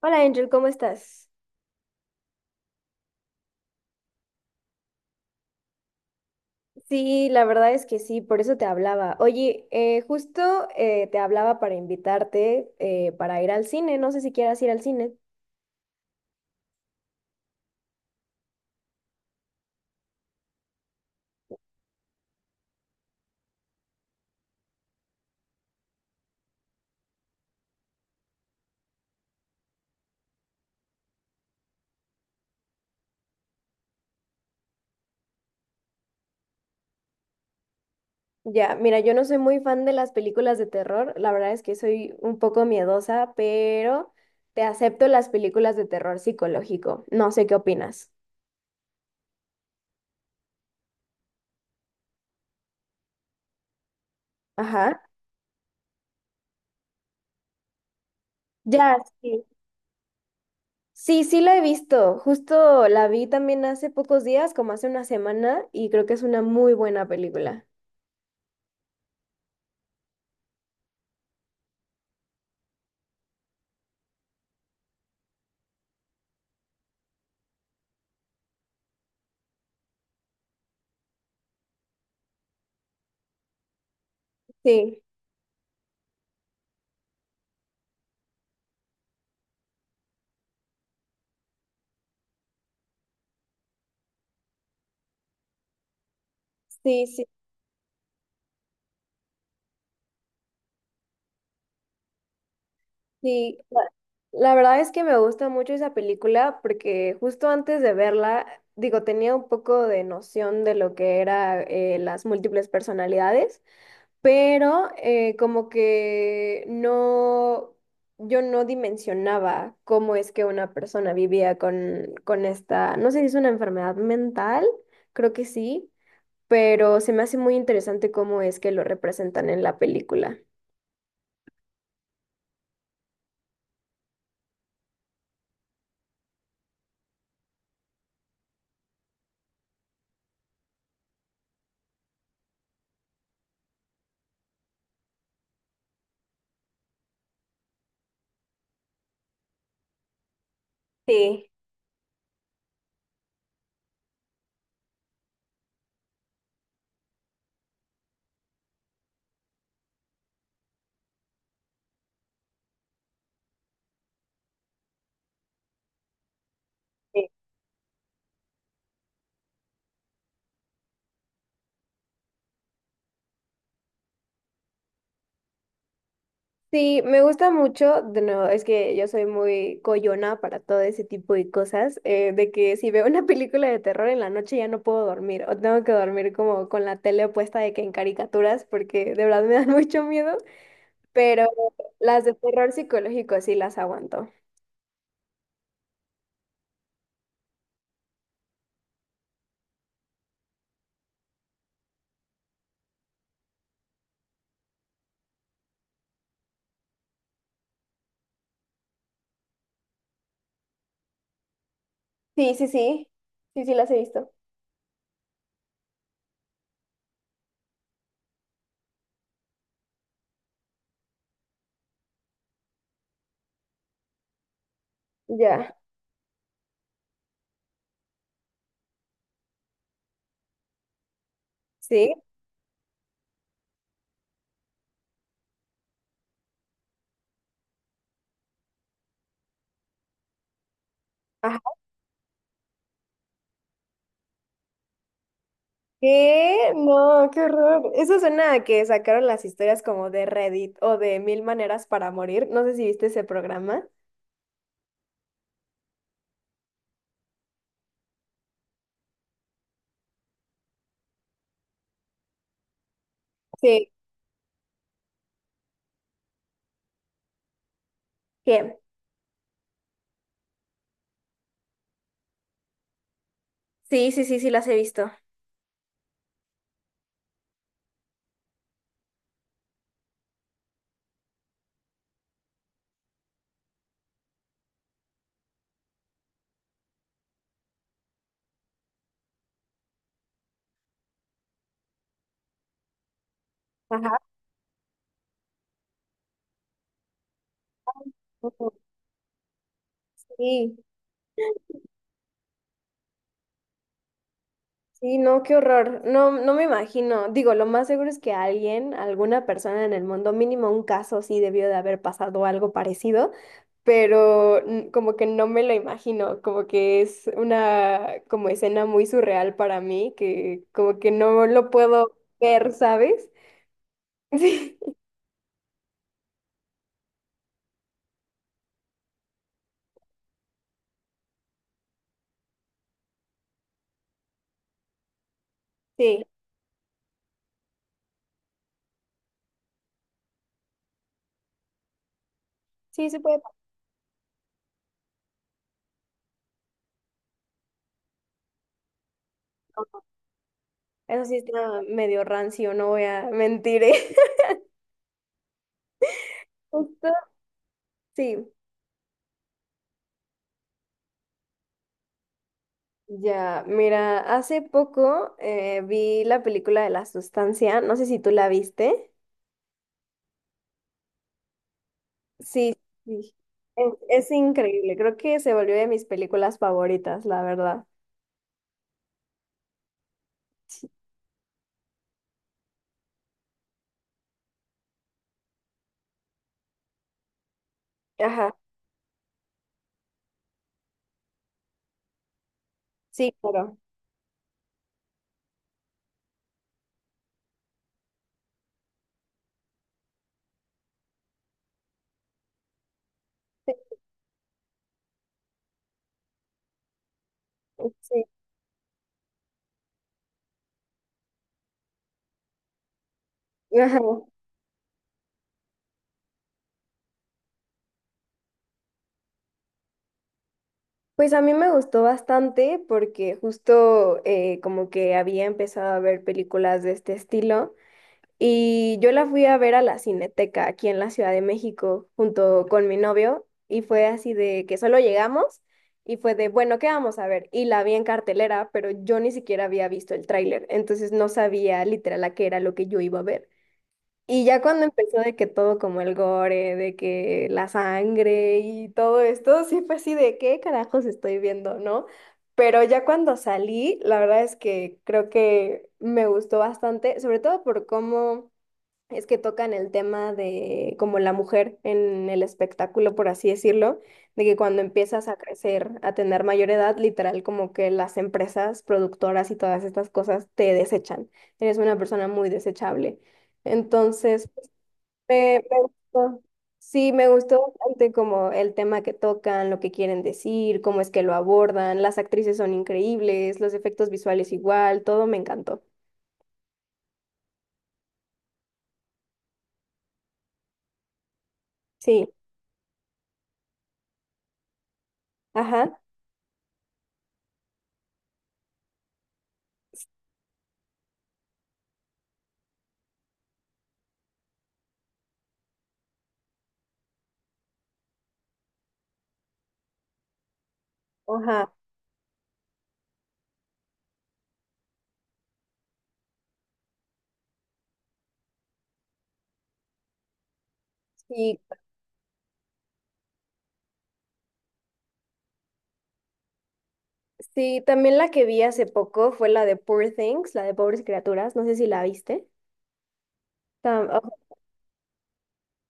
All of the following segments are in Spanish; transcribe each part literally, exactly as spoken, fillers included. Hola Angel, ¿cómo estás? Sí, la verdad es que sí, por eso te hablaba. Oye, eh, justo eh, te hablaba para invitarte eh, para ir al cine, no sé si quieras ir al cine. Ya, mira, yo no soy muy fan de las películas de terror, la verdad es que soy un poco miedosa, pero te acepto las películas de terror psicológico, no sé qué opinas. Ajá. Ya, sí. Sí, sí la he visto, justo la vi también hace pocos días, como hace una semana, y creo que es una muy buena película. Sí. Sí, sí, sí. La, la verdad es que me gusta mucho esa película porque justo antes de verla, digo, tenía un poco de noción de lo que era eh, las múltiples personalidades, pero eh, como que no, yo no dimensionaba cómo es que una persona vivía con, con esta, no sé si es una enfermedad mental, creo que sí, pero se me hace muy interesante cómo es que lo representan en la película. Sí, sí. Sí, me gusta mucho, de nuevo, es que yo soy muy coyona para todo ese tipo de cosas, eh, de que si veo una película de terror en la noche ya no puedo dormir, o tengo que dormir como con la tele puesta de que en caricaturas, porque de verdad me dan mucho miedo, pero las de terror psicológico sí las aguanto. Sí, sí, sí, sí, sí las he visto. Ya, sí. ¿Qué? No, qué horror. Eso suena a que sacaron las historias como de Reddit o de Mil Maneras para Morir. No sé si viste ese programa. Sí. ¿Qué? Sí, sí, sí, sí, las he visto. Ajá. Ujú. Sí, sí, no, qué horror. No, no me imagino. Digo, lo más seguro es que alguien, alguna persona en el mundo, mínimo un caso, sí debió de haber pasado algo parecido. Pero n- como que no me lo imagino, como que es una como escena muy surreal para mí, que como que no lo puedo ver, ¿sabes? Sí, sí, sí se puede pasar. Eso sí está medio rancio, no voy a mentir, ¿eh? Justo, sí. Ya, mira, hace poco eh, vi la película de La Sustancia, no sé si tú la viste. Sí, sí. Es, es increíble, creo que se volvió de mis películas favoritas, la verdad. Sí. Ajá. Sí, claro. Sí, sí. Ajá. Pues a mí me gustó bastante porque justo eh, como que había empezado a ver películas de este estilo y yo la fui a ver a la Cineteca aquí en la Ciudad de México junto con mi novio y fue así de que solo llegamos y fue de, bueno, ¿qué vamos a ver? Y la vi en cartelera, pero yo ni siquiera había visto el tráiler, entonces no sabía literal a qué era lo que yo iba a ver. Y ya cuando empezó de que todo como el gore, de que la sangre y todo esto, sí fue así de qué carajos estoy viendo, ¿no? Pero ya cuando salí, la verdad es que creo que me gustó bastante, sobre todo por cómo es que tocan el tema de como la mujer en el espectáculo, por así decirlo, de que cuando empiezas a crecer, a tener mayor edad, literal como que las empresas productoras y todas estas cosas te desechan. Eres una persona muy desechable. Entonces me, me gustó. Sí, me gustó bastante como el tema que tocan, lo que quieren decir, cómo es que lo abordan, las actrices son increíbles, los efectos visuales igual, todo me encantó. Sí, ajá, ajá. Sí, sí, también la que vi hace poco fue la de Poor Things, la de Pobres Criaturas, no sé si la viste.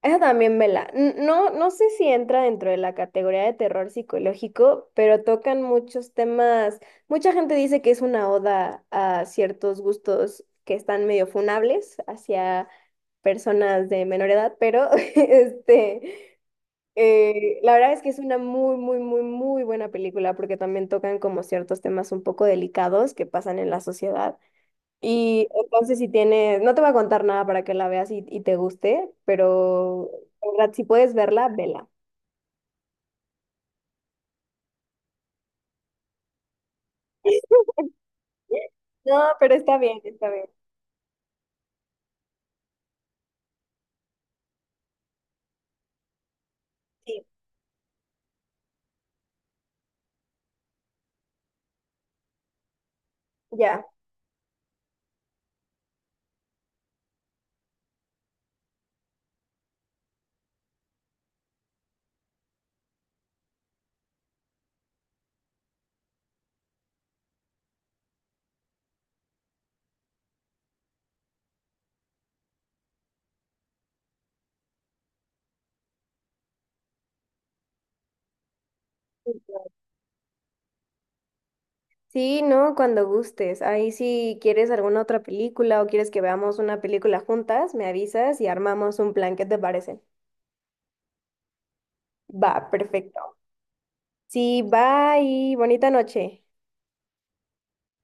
Esa también vela. N- No, no sé si entra dentro de la categoría de terror psicológico, pero tocan muchos temas. Mucha gente dice que es una oda a ciertos gustos que están medio funables hacia personas de menor edad, pero este, eh, la verdad es que es una muy, muy, muy, muy buena película porque también tocan como ciertos temas un poco delicados que pasan en la sociedad. Y entonces si tienes, no te voy a contar nada para que la veas y, y te guste, pero en verdad, si puedes verla, vela. No, pero está bien, está bien. Sí, ya. Sí, no, cuando gustes. Ahí si quieres alguna otra película o quieres que veamos una película juntas, me avisas y armamos un plan. ¿Qué te parece? Va, perfecto. Sí, bye, bonita noche.